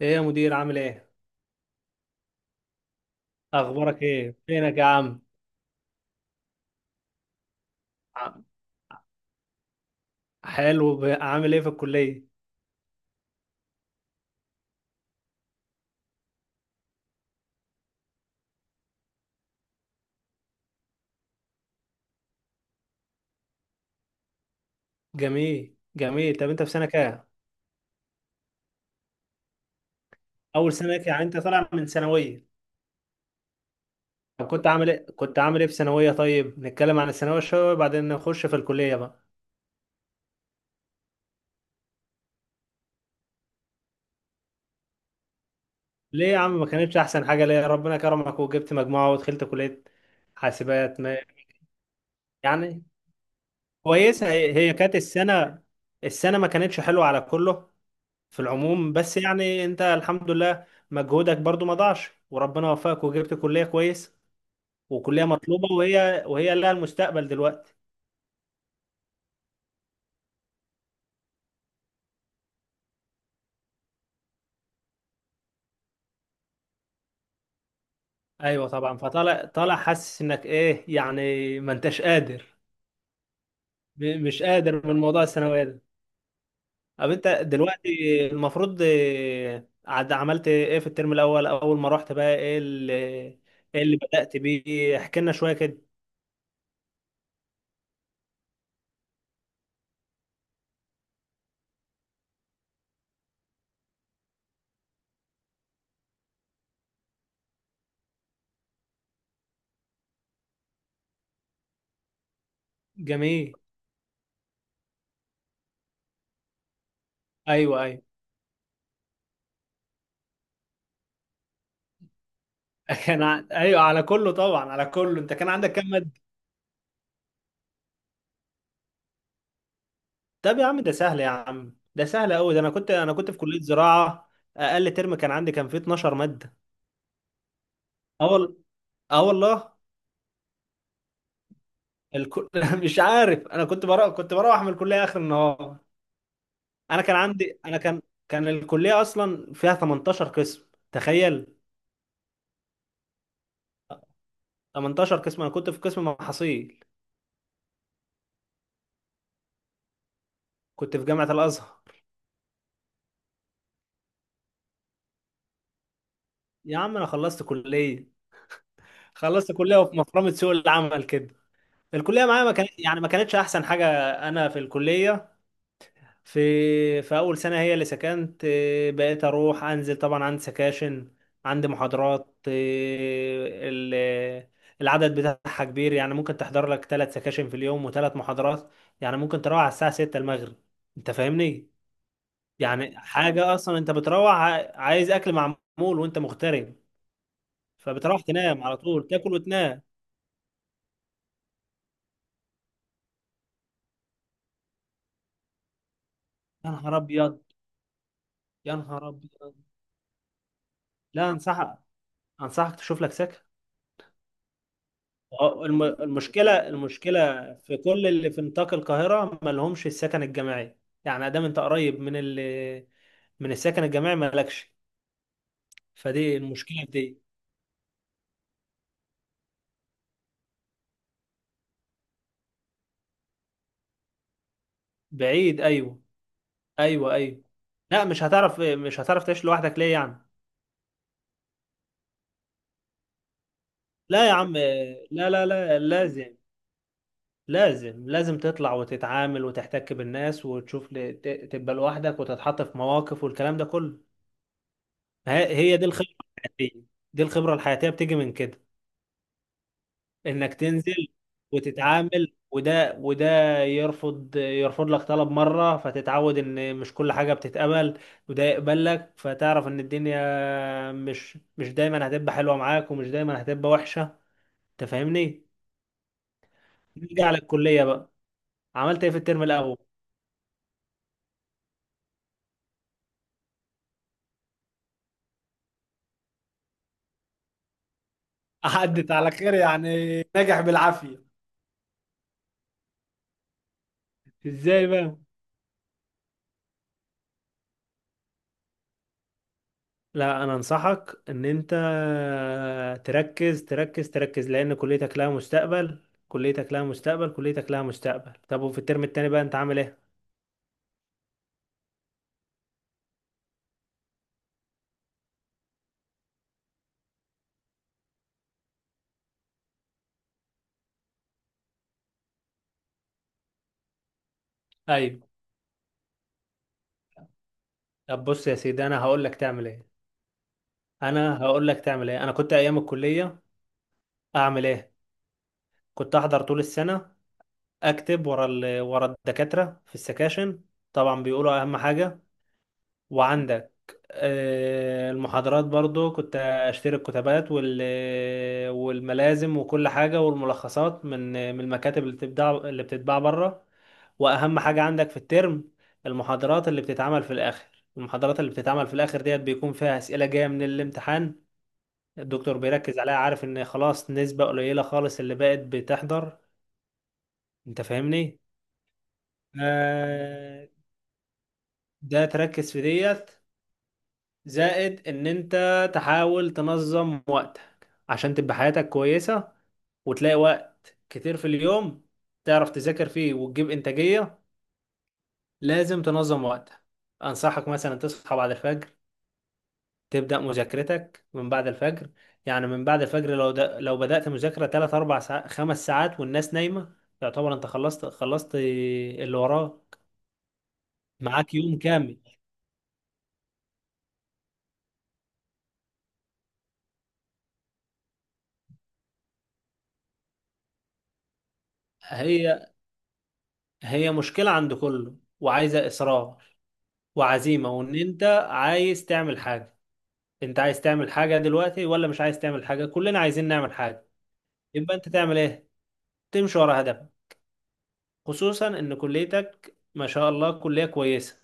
ايه يا مدير، عامل ايه؟ اخبارك ايه؟ فينك يا عم؟ عم- حلو. عامل ايه في الكليه؟ جميل، جميل. طب انت في سنه كام؟ اول سنه ليك، يعني انت طالع من ثانويه؟ طب كنت عامل ايه في ثانويه؟ طيب نتكلم عن الثانويه شويه وبعدين نخش في الكليه بقى. ليه يا عم ما كانتش احسن حاجه؟ ليه؟ ربنا كرمك وجبت مجموعه ودخلت كليه حاسبات ما. يعني كويسه. هي كانت السنه، ما كانتش حلوه على كله في العموم. بس يعني انت الحمد لله مجهودك برضو ما ضاعش وربنا وفقك وجبت كلية كويس. وكلية مطلوبة، وهي لها المستقبل دلوقتي. ايوه طبعا. فطالع حاسس انك ايه، يعني ما انتش قادر. مش قادر من موضوع الثانوية ده. طب انت دلوقتي المفروض، عملت ايه في الترم الاول اول ما رحت بقى؟ ايه اللي، بدأت بيه؟ احكي لنا شوية كده. جميل. ايوه، ايوه. ايوه، على كله طبعا. على كله انت كان عندك كام؟ طب يا عم ده سهل، يا عم ده سهل قوي. ده انا كنت، في كلية زراعة. اقل ترم كان عندي، فيه 12 مادة. اه وال- اه والله. الكل... مش عارف. انا كنت بروح، من الكلية اخر النهار. انا كان عندي، انا كان الكلية اصلا فيها 18 قسم. تخيل! 18 قسم. انا كنت في قسم محاصيل. كنت في جامعة الازهر. يا عم انا خلصت كلية. خلصت كلية، وفي مفرمة سوق العمل كده. الكلية معايا ما كانت، يعني ما كانتش احسن حاجة. انا في الكلية، في اول سنه هي اللي سكنت. بقيت اروح انزل، طبعا عندي سكاشن، عندي محاضرات. العدد بتاعها كبير. يعني ممكن تحضر لك ثلاث سكاشن في اليوم وثلاث محاضرات. يعني ممكن تروح على الساعه 6 المغرب. انت فاهمني؟ يعني حاجه اصلا انت بتروح عايز اكل معمول، وانت مغترب. فبتروح تنام على طول، تاكل وتنام. يا نهار ابيض! يا نهار ابيض! لا، انصحك، تشوف لك سكن. اه. المشكلة في كل اللي في نطاق القاهرة ما لهمش السكن الجماعي. يعني ادام انت قريب من ال، السكن الجماعي ما لكش. فدي المشكلة في دي. بعيد. ايوه، ايوه. ايوه. لا، مش هتعرف، تعيش لوحدك. ليه يعني؟ لا يا عم. لا، لا، لا. لازم، لازم، لازم تطلع وتتعامل وتحتك بالناس، وتشوف، تبقى لوحدك وتتحط في مواقف والكلام ده كله. هي دي الخبرة الحياتية. دي الخبرة الحياتية بتيجي من كده، انك تنزل وتتعامل. وده يرفض، لك طلب مرة، فتتعود ان مش كل حاجة بتتقبل. وده يقبل لك، فتعرف ان الدنيا مش، دايما هتبقى حلوة معاك، ومش دايما هتبقى وحشة. انت فاهمني؟ نيجي على الكلية بقى. عملت ايه في الترم الاول؟ عدت على خير، يعني نجح بالعافية. ازاي بقى؟ لا، انا انصحك ان انت تركز، تركز، تركز، لان كليتك لها مستقبل. كليتك لها مستقبل. كليتك لها مستقبل. طب وفي الترم التاني بقى، انت عامل ايه؟ ايوه. طب بص يا سيدي، انا هقول لك تعمل ايه. انا هقول لك تعمل ايه. انا كنت ايام الكليه. اعمل ايه؟ كنت احضر طول السنه، اكتب ورا الدكاتره في السكاشن. طبعا بيقولوا اهم حاجه. وعندك المحاضرات برضو كنت اشتري الكتابات والملازم وكل حاجة، والملخصات من، المكاتب اللي بتتباع، بره. واهم حاجة عندك في الترم المحاضرات اللي بتتعمل في الاخر. ديت بيكون فيها اسئلة جاية من الامتحان. الدكتور بيركز عليها، عارف ان خلاص نسبة قليلة خالص اللي بقت بتحضر. انت فاهمني؟ آه، ده تركز في ديت، زائد ان انت تحاول تنظم وقتك عشان تبقى حياتك كويسة، وتلاقي وقت كتير في اليوم تعرف تذاكر فيه وتجيب انتاجية. لازم تنظم وقتك. انصحك مثلا تصحى بعد الفجر، تبدأ مذاكرتك من بعد الفجر. يعني من بعد الفجر، لو بدأت مذاكرة 3 4 ساعات 5 ساعات والناس نايمة، يعتبر انت خلصت. اللي وراك. معاك يوم كامل. هي هي مشكلة عند كله، وعايزة إصرار وعزيمة، وان انت عايز تعمل حاجة. انت عايز تعمل حاجة دلوقتي ولا مش عايز تعمل حاجة؟ كلنا عايزين نعمل حاجة. يبقى انت تعمل ايه؟ تمشي ورا هدفك، خصوصا ان كليتك ما شاء الله كلية كويسة.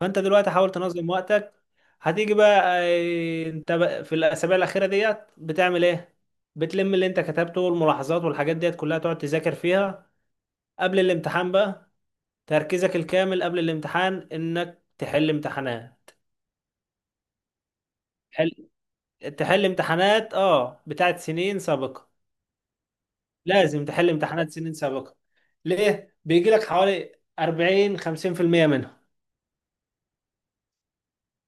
فانت دلوقتي حاول تنظم وقتك. هتيجي بقى، انت بقى في الاسابيع الاخيرة ديت بتعمل ايه؟ بتلم اللي انت كتبته والملاحظات والحاجات ديت كلها تقعد تذاكر فيها قبل الامتحان بقى. تركيزك الكامل قبل الامتحان انك تحل امتحانات. تحل امتحانات بتاعت سنين سابقة. لازم تحل امتحانات سنين سابقة. ليه؟ بيجي لك حوالي 40 50% منها.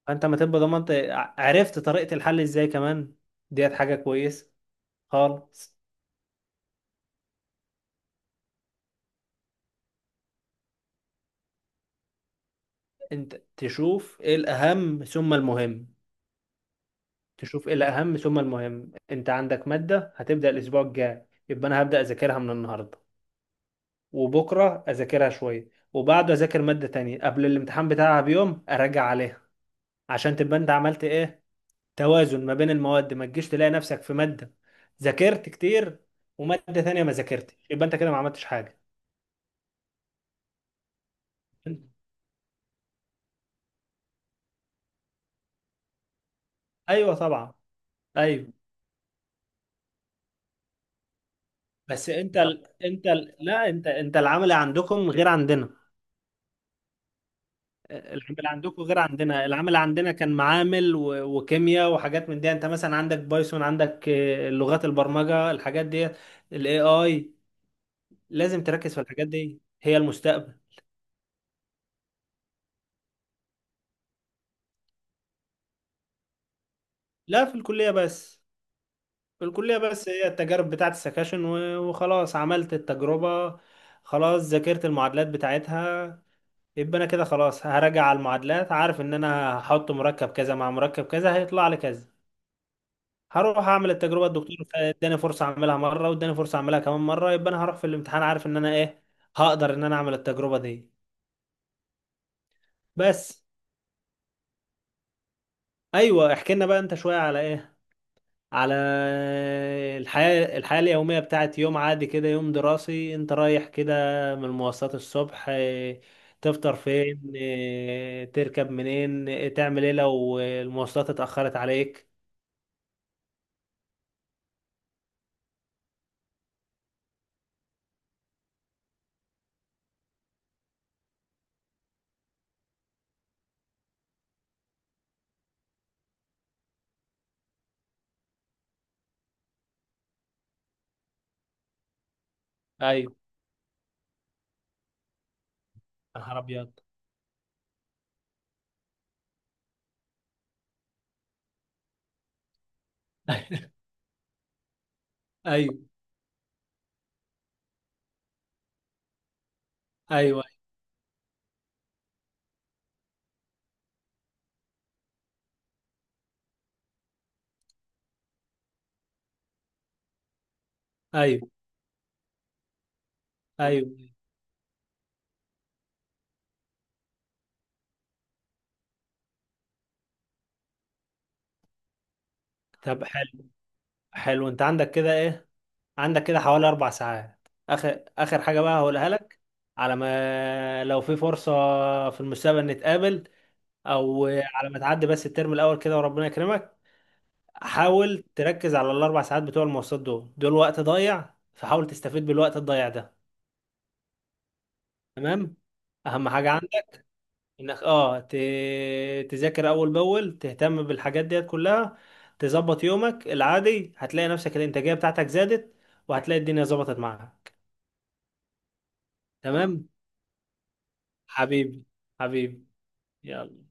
فانت ما تبقى ضمنت، عرفت طريقة الحل ازاي كمان. ديت حاجة كويسة خالص. انت تشوف ايه الأهم ثم المهم. تشوف ايه الأهم ثم المهم. انت عندك مادة هتبدأ الأسبوع الجاي، يبقى انا هبدأ أذاكرها من النهاردة، وبكرة أذاكرها شوية، وبعده أذاكر مادة تانية. قبل الامتحان بتاعها بيوم أراجع عليها، عشان تبقى انت عملت ايه؟ توازن ما بين المواد. ما تجيش تلاقي نفسك في مادة ذاكرت كتير، ومادة تانية ما ذاكرتش، يبقى انت كده ما عملتش حاجة. ايوه طبعا. ايوه. بس لا، انت العمل عندكم غير عندنا. العمل عندنا كان معامل وكيمياء وحاجات من دي. انت مثلا عندك بايثون، عندك لغات البرمجة، الحاجات دي، الاي اي. لازم تركز في الحاجات دي، هي المستقبل. لا، في الكلية بس. في الكلية بس. هي التجارب بتاعت السكاشن وخلاص. عملت التجربة خلاص، ذاكرت المعادلات بتاعتها، يبقى انا كده خلاص هراجع على المعادلات، عارف ان انا هحط مركب كذا مع مركب كذا هيطلع لي كذا. هروح اعمل التجربة. الدكتور اداني فرصة اعملها مرة، واداني فرصة اعملها كمان مرة، يبقى انا هروح في الامتحان عارف ان انا ايه، هقدر ان انا اعمل التجربة دي. بس. ايوه، احكي لنا بقى انت شوية. على ايه؟ على الحياة اليومية بتاعت يوم عادي كده، يوم دراسي انت رايح كده من المواصلات الصبح. اه، تفطر فين؟ اه، تركب منين؟ اه، تعمل ايه لو المواصلات اتأخرت عليك؟ ايوه. يا نهار ابيض! ايوه، ايوه، ايوه، ايوه. طب حلو. حلو. انت عندك كده ايه؟ عندك كده حوالي 4 ساعات. اخر اخر حاجه بقى هقولها لك، على ما، لو في فرصه في المستقبل، نتقابل، او على ما تعدي بس الترم الاول كده وربنا يكرمك. حاول تركز على ال4 ساعات بتوع المواصلات. دول دول وقت ضايع، فحاول تستفيد بالوقت الضايع ده. تمام. اهم حاجه عندك انك، تذاكر اول باول، تهتم بالحاجات ديت كلها، تظبط يومك العادي، هتلاقي نفسك الانتاجيه بتاعتك زادت، وهتلاقي الدنيا ظبطت معاك. تمام. حبيبي. حبيبي. يلا.